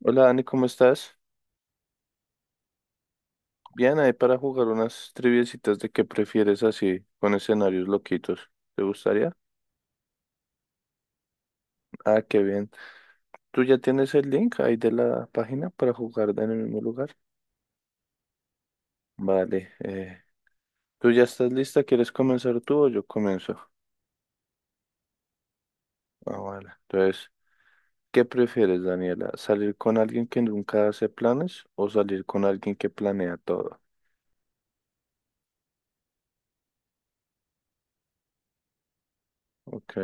Hola Dani, ¿cómo estás? Bien, ahí para jugar unas triviecitas de qué prefieres así, con escenarios loquitos. ¿Te gustaría? Ah, qué bien. ¿Tú ya tienes el link ahí de la página para jugar en el mismo lugar? Vale. ¿Tú ya estás lista? ¿Quieres comenzar tú o yo comienzo? Ah, vale. Entonces, ¿qué prefieres, Daniela? ¿Salir con alguien que nunca hace planes o salir con alguien que planea todo? Ok.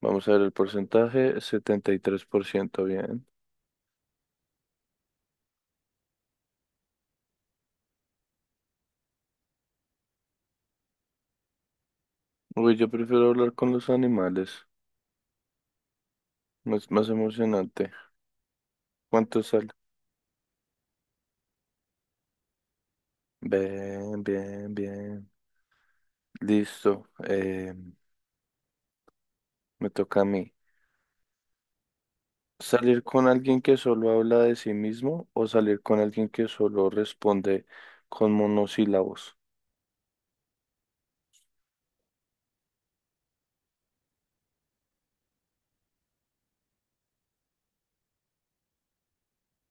Vamos a ver el porcentaje, 73% bien. Uy, yo prefiero hablar con los animales. Más, más emocionante. ¿Cuánto sale? Bien, bien, bien. Listo. Me toca a mí. ¿Salir con alguien que solo habla de sí mismo o salir con alguien que solo responde con monosílabos?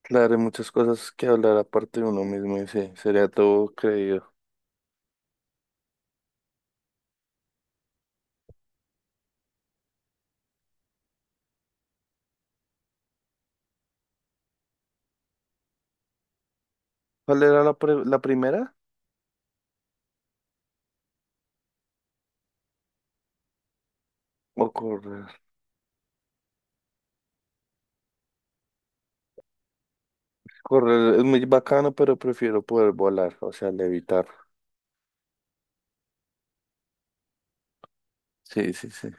Claro, hay muchas cosas que hablar aparte de uno mismo y sí, sería todo creído. ¿Cuál era la, la primera? O correr. Correr es muy bacano, pero prefiero poder volar, o sea, levitar. Sí, sí, sí.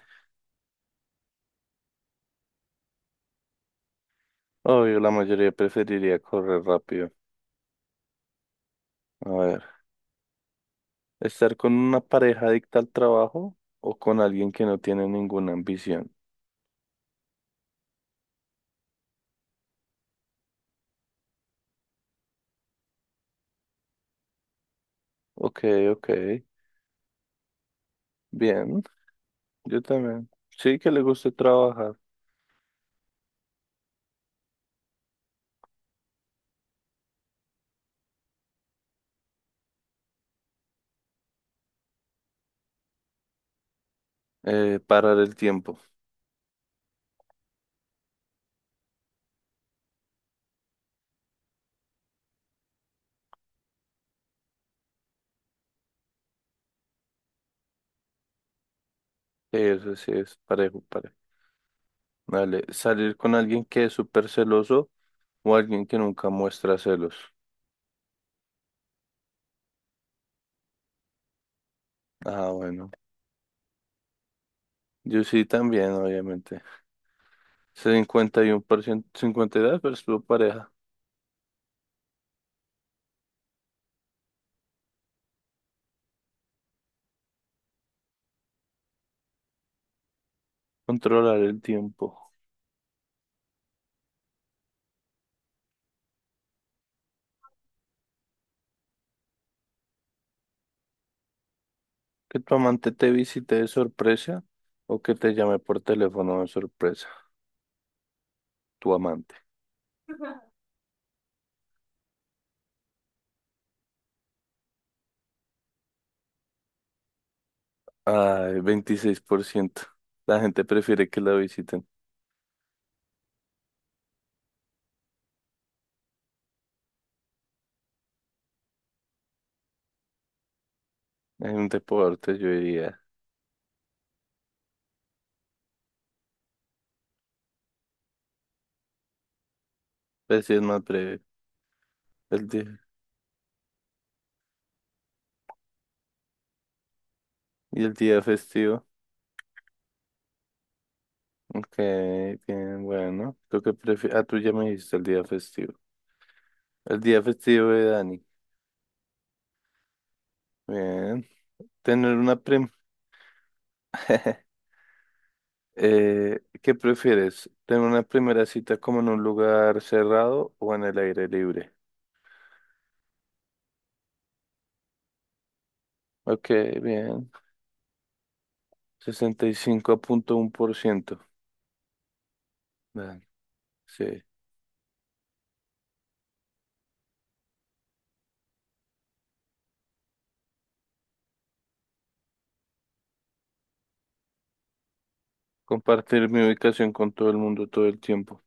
Obvio, la mayoría preferiría correr rápido. A ver. Estar con una pareja adicta al trabajo o con alguien que no tiene ninguna ambición. Ok, ok. Bien, yo también. Sí que le guste trabajar. Parar el tiempo. Sí, eso sí es parejo, parejo. Vale, salir con alguien que es súper celoso o alguien que nunca muestra celos. Ah, bueno. Yo sí también, obviamente. y y uno por ciento, cincuenta y dos por 52% pareja. Controlar el tiempo. Que tu amante te visite de sorpresa o que te llame por teléfono de sorpresa, tu amante. Ay, 26%. La gente prefiere que la visiten. Hay un deporte, yo diría. Pues sí, es más breve. El día, y el día festivo. Ok, bien, bueno. ¿Tú qué prefieres? Ah, tú ya me dijiste el día festivo. El día festivo de Dani. Bien. Tener una primera. ¿Qué prefieres? ¿Tener una primera cita como en un lugar cerrado o en el aire libre? Ok, bien. 65.1%. Bien, sí. Compartir mi ubicación con todo el mundo todo el tiempo.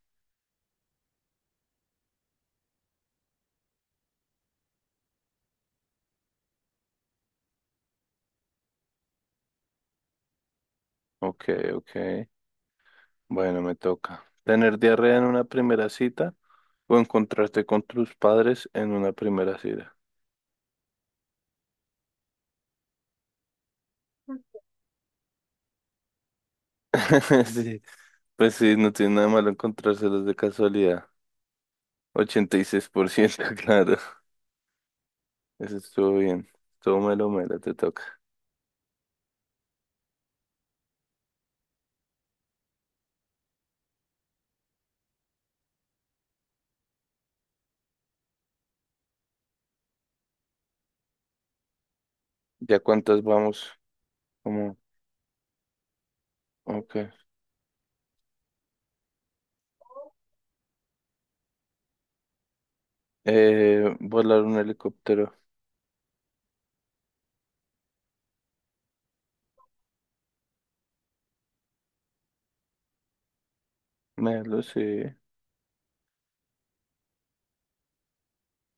Ok, ok. Bueno, me toca. ¿Tener diarrea en una primera cita o encontrarte con tus padres en una primera cita? Sí, pues sí, no tiene nada malo encontrárselos de casualidad. 86%, claro. Eso estuvo bien. Todo melo, melo, te toca. ¿Ya cuántas vamos? Como, ok. Volar un helicóptero. Melo, sí.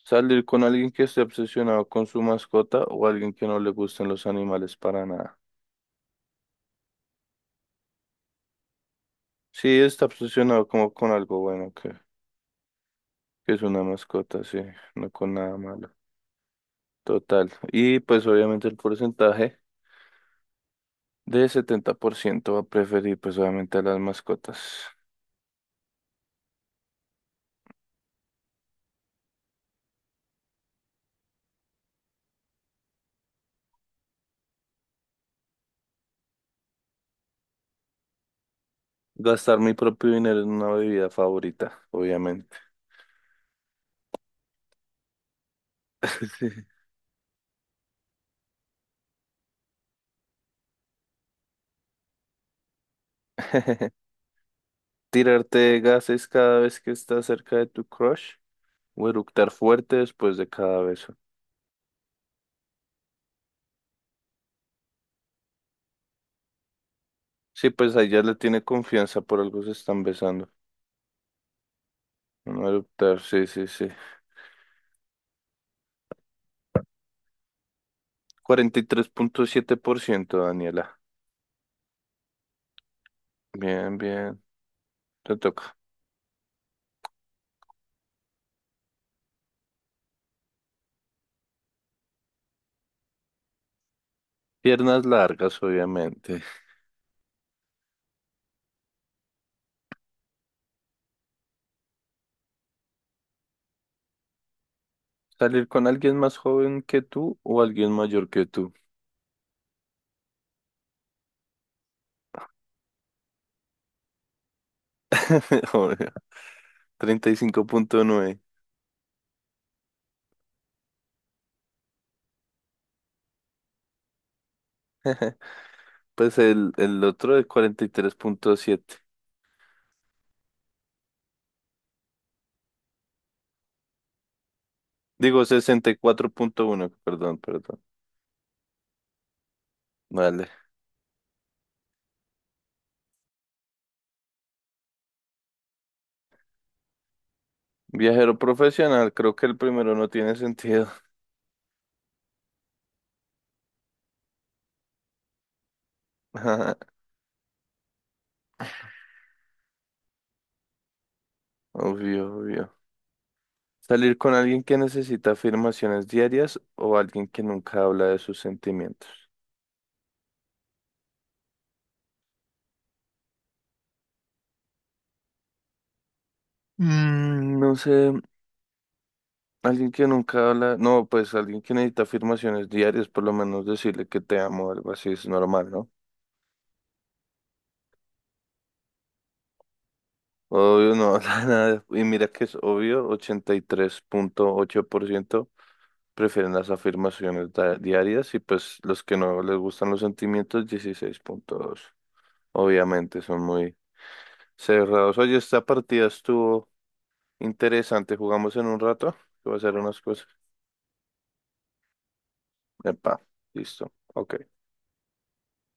Salir con alguien que esté obsesionado con su mascota o alguien que no le gusten los animales para nada. Sí, está obsesionado como con algo bueno, que es una mascota, sí, no con nada malo. Total. Y pues obviamente el porcentaje de 70% va a preferir pues obviamente a las mascotas. Gastar mi propio dinero en una bebida favorita, obviamente. Sí. Tirarte gases cada vez que estás cerca de tu crush o eructar fuerte después de cada beso. Sí, pues ahí ya le tiene confianza, por algo se están besando. No adoptar, sí, sí, sí. 43.7%, Daniela. Bien, bien, te toca. Piernas largas, obviamente. Salir con alguien más joven que tú o alguien mayor que tú. Obvio. 35.9. Pues el otro es 43.7. Digo 64.1, perdón, perdón. Vale. Viajero profesional, creo que el primero no tiene sentido. Obvio, obvio. Salir con alguien que necesita afirmaciones diarias o alguien que nunca habla de sus sentimientos. Mm, no sé, alguien que nunca habla, no, pues alguien que necesita afirmaciones diarias, por lo menos decirle que te amo, o algo así es normal, ¿no? Obvio, no habla nada. Y mira que es obvio, 83.8% prefieren las afirmaciones diarias y pues los que no les gustan los sentimientos, 16.2. Obviamente son muy cerrados. Oye, esta partida estuvo... Interesante, jugamos en un rato. Voy a hacer unas cosas. Epa, listo. Ok.